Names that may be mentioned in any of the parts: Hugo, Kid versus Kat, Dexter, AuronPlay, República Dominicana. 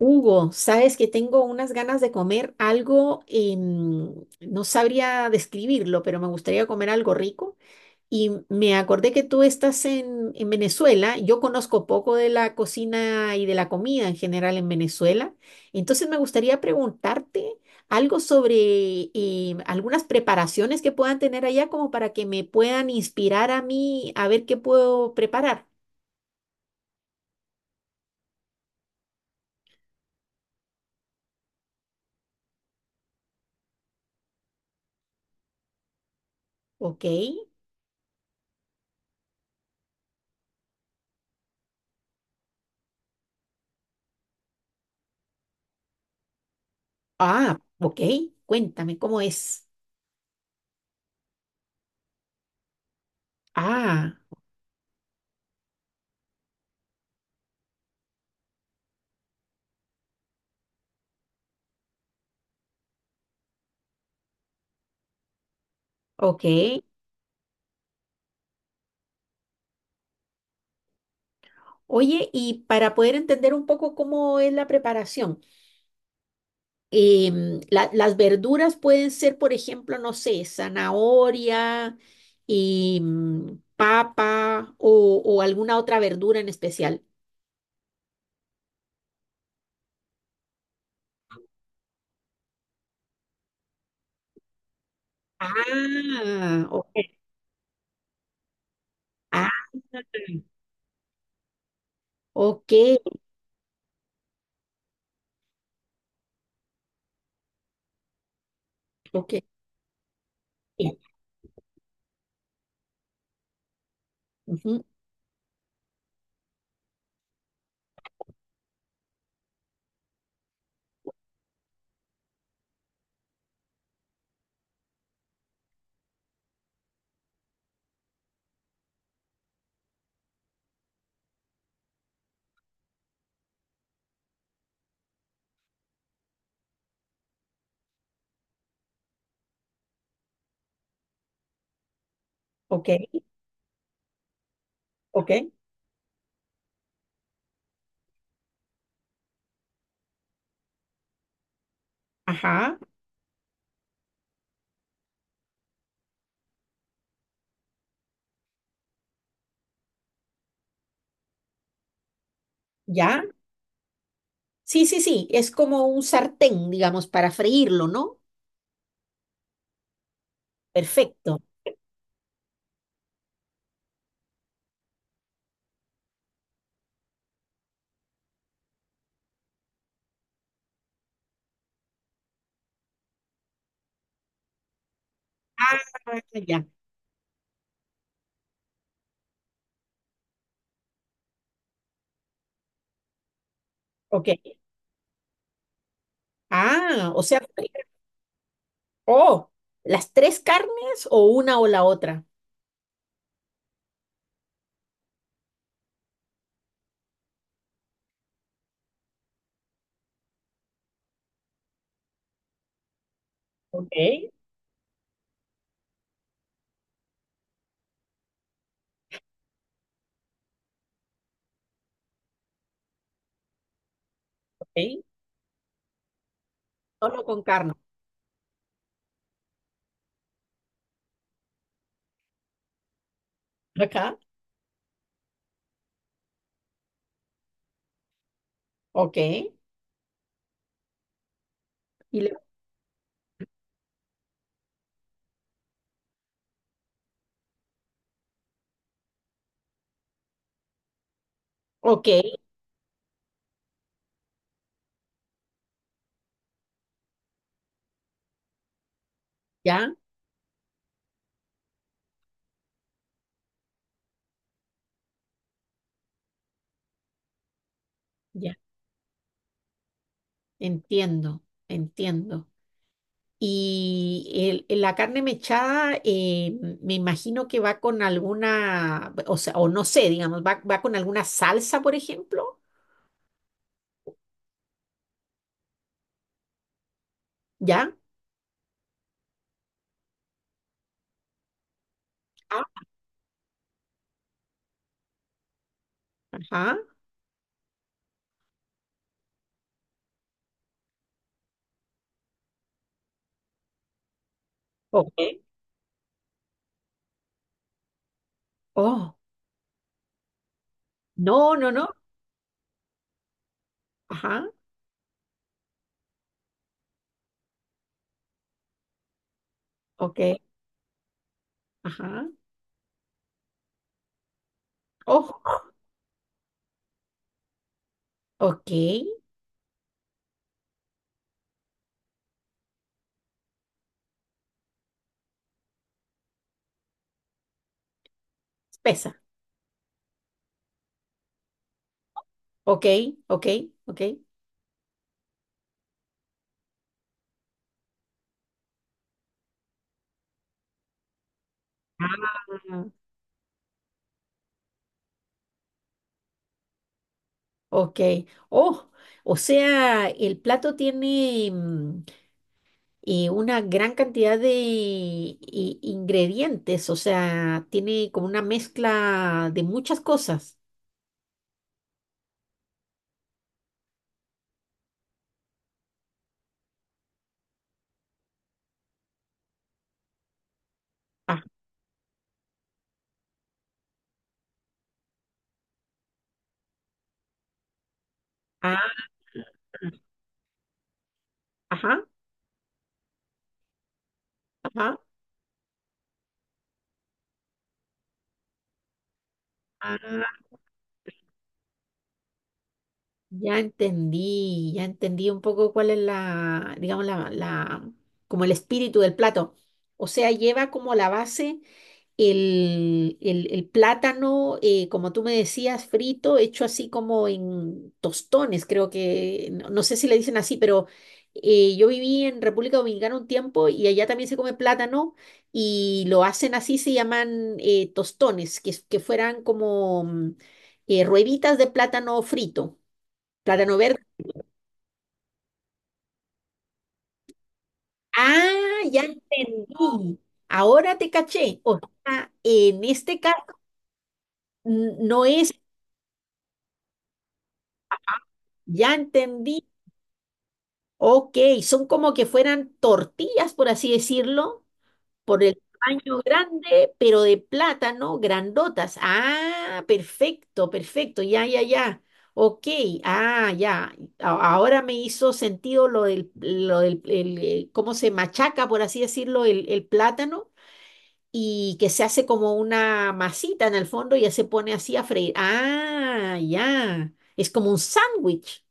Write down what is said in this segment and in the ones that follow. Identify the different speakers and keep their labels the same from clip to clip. Speaker 1: Hugo, sabes que tengo unas ganas de comer algo, no sabría describirlo, pero me gustaría comer algo rico. Y me acordé que tú estás en Venezuela. Yo conozco poco de la cocina y de la comida en general en Venezuela. Entonces me gustaría preguntarte algo sobre algunas preparaciones que puedan tener allá como para que me puedan inspirar a mí a ver qué puedo preparar. ¿Ok? Ah, ok. Cuéntame, ¿cómo es? Ah, ok. Oye, y para poder entender un poco cómo es la preparación, las verduras pueden ser, por ejemplo, no sé, zanahoria, y papa o alguna otra verdura en especial. Ah, ok. Ah, ok, ok. Sí, ujú. Ok, ok. Ajá, ya. Sí, sí, sí. Es como un sartén, digamos, para freírlo, ¿no? Perfecto. Ah, ya. Ok. Ah, o sea, oh, ¿las tres carnes o una o la otra? Ok, ok. Solo con carne. Acá. Ok. Y le- ok, ya, ya. Entiendo, entiendo. Y la carne mechada, me imagino que va con alguna, o sea, o no sé, digamos, va con alguna salsa, por ejemplo. ¿Ya? Ah, ajá. Ok. Oh, no, no, no. Ajá. Ok. Ajá. Oh. Ok, espesa. Ok, ok, ok. Ah, ok. Oh, o sea, el plato tiene una gran cantidad de ingredientes, o sea, tiene como una mezcla de muchas cosas. Ah, ah, ajá, ajá. Ah, ya entendí un poco cuál es la, digamos, como el espíritu del plato. O sea, lleva como la base. El plátano, como tú me decías, frito, hecho así como en tostones, creo que, no, no sé si le dicen así, pero yo viví en República Dominicana un tiempo y allá también se come plátano y lo hacen así, se llaman tostones, que, que fueran como rueditas de plátano frito, plátano verde. Ah, ya entendí. Ahora te caché. O sea, en este caso, no es, ya entendí. Ok, son como que fueran tortillas, por así decirlo, por el tamaño grande, pero de plátano, grandotas. Ah, perfecto, perfecto, ya, ya, ya. Ok, ah, ya. Ahora me hizo sentido lo del cómo se machaca, por así decirlo, el plátano y que se hace como una masita en el fondo y ya se pone así a freír. Ah, ya. Es como un sándwich.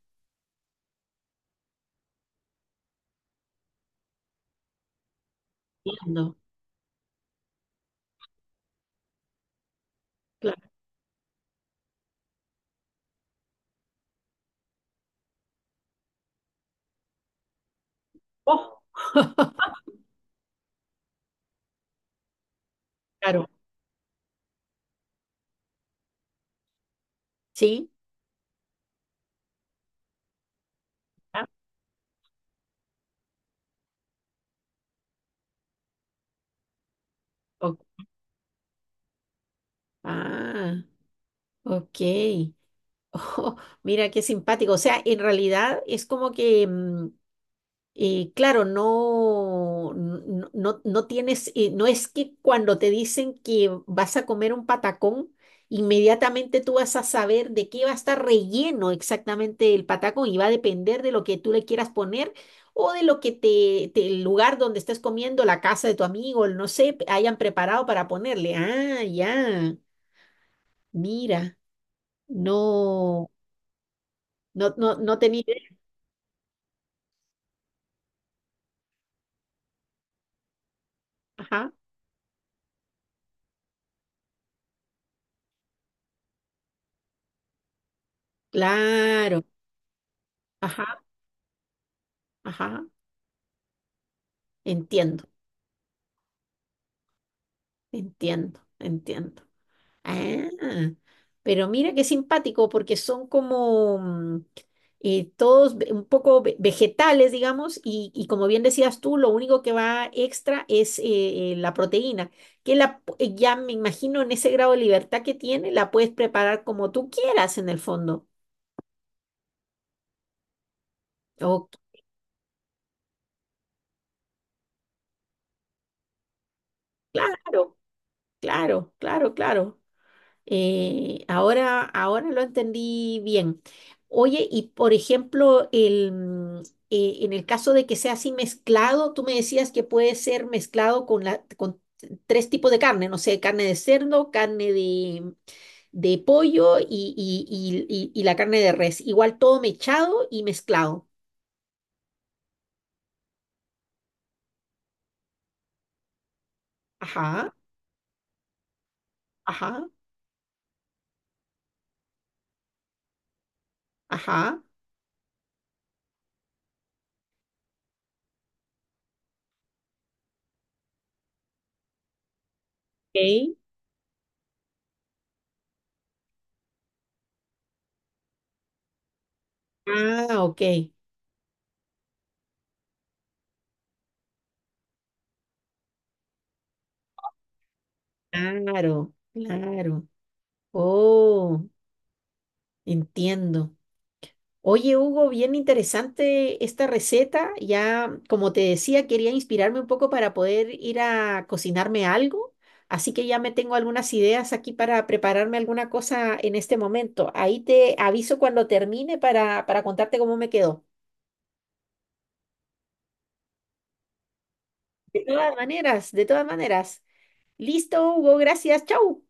Speaker 1: Entiendo. Claro. Oh, claro, sí. O- ah, ok. Ojo, mira qué simpático. O sea, en realidad es como que, claro, no, no, no, no tienes, no es que cuando te dicen que vas a comer un patacón, inmediatamente tú vas a saber de qué va a estar relleno exactamente el patacón y va a depender de lo que tú le quieras poner o de lo que el lugar donde estés comiendo, la casa de tu amigo, el no sé, hayan preparado para ponerle. Ah, ya. Mira. No, no, no, no tenía idea. Ajá, claro. Ajá, ajá. Entiendo, entiendo, entiendo. Ah, pero mira qué simpático, porque son como todos un poco vegetales, digamos, y como bien decías tú, lo único que va extra es la proteína, que la, ya me imagino en ese grado de libertad que tiene, la puedes preparar como tú quieras en el fondo. Oh, claro, claro, claro, claro. Ahora, ahora lo entendí bien. Oye, y por ejemplo, en el caso de que sea así mezclado, tú me decías que puede ser mezclado con, con tres tipos de carne, no sé, carne de cerdo, carne de, pollo y la carne de res. Igual todo mechado y mezclado. Ajá, ajá, ajá. Ok. Ah, ok. Claro, claro. Oh, entiendo. Oye, Hugo, bien interesante esta receta. Ya, como te decía, quería inspirarme un poco para poder ir a cocinarme algo. Así que ya me tengo algunas ideas aquí para prepararme alguna cosa en este momento. Ahí te aviso cuando termine para contarte cómo me quedó. De todas maneras, de todas maneras. Listo, Hugo, gracias. Chau.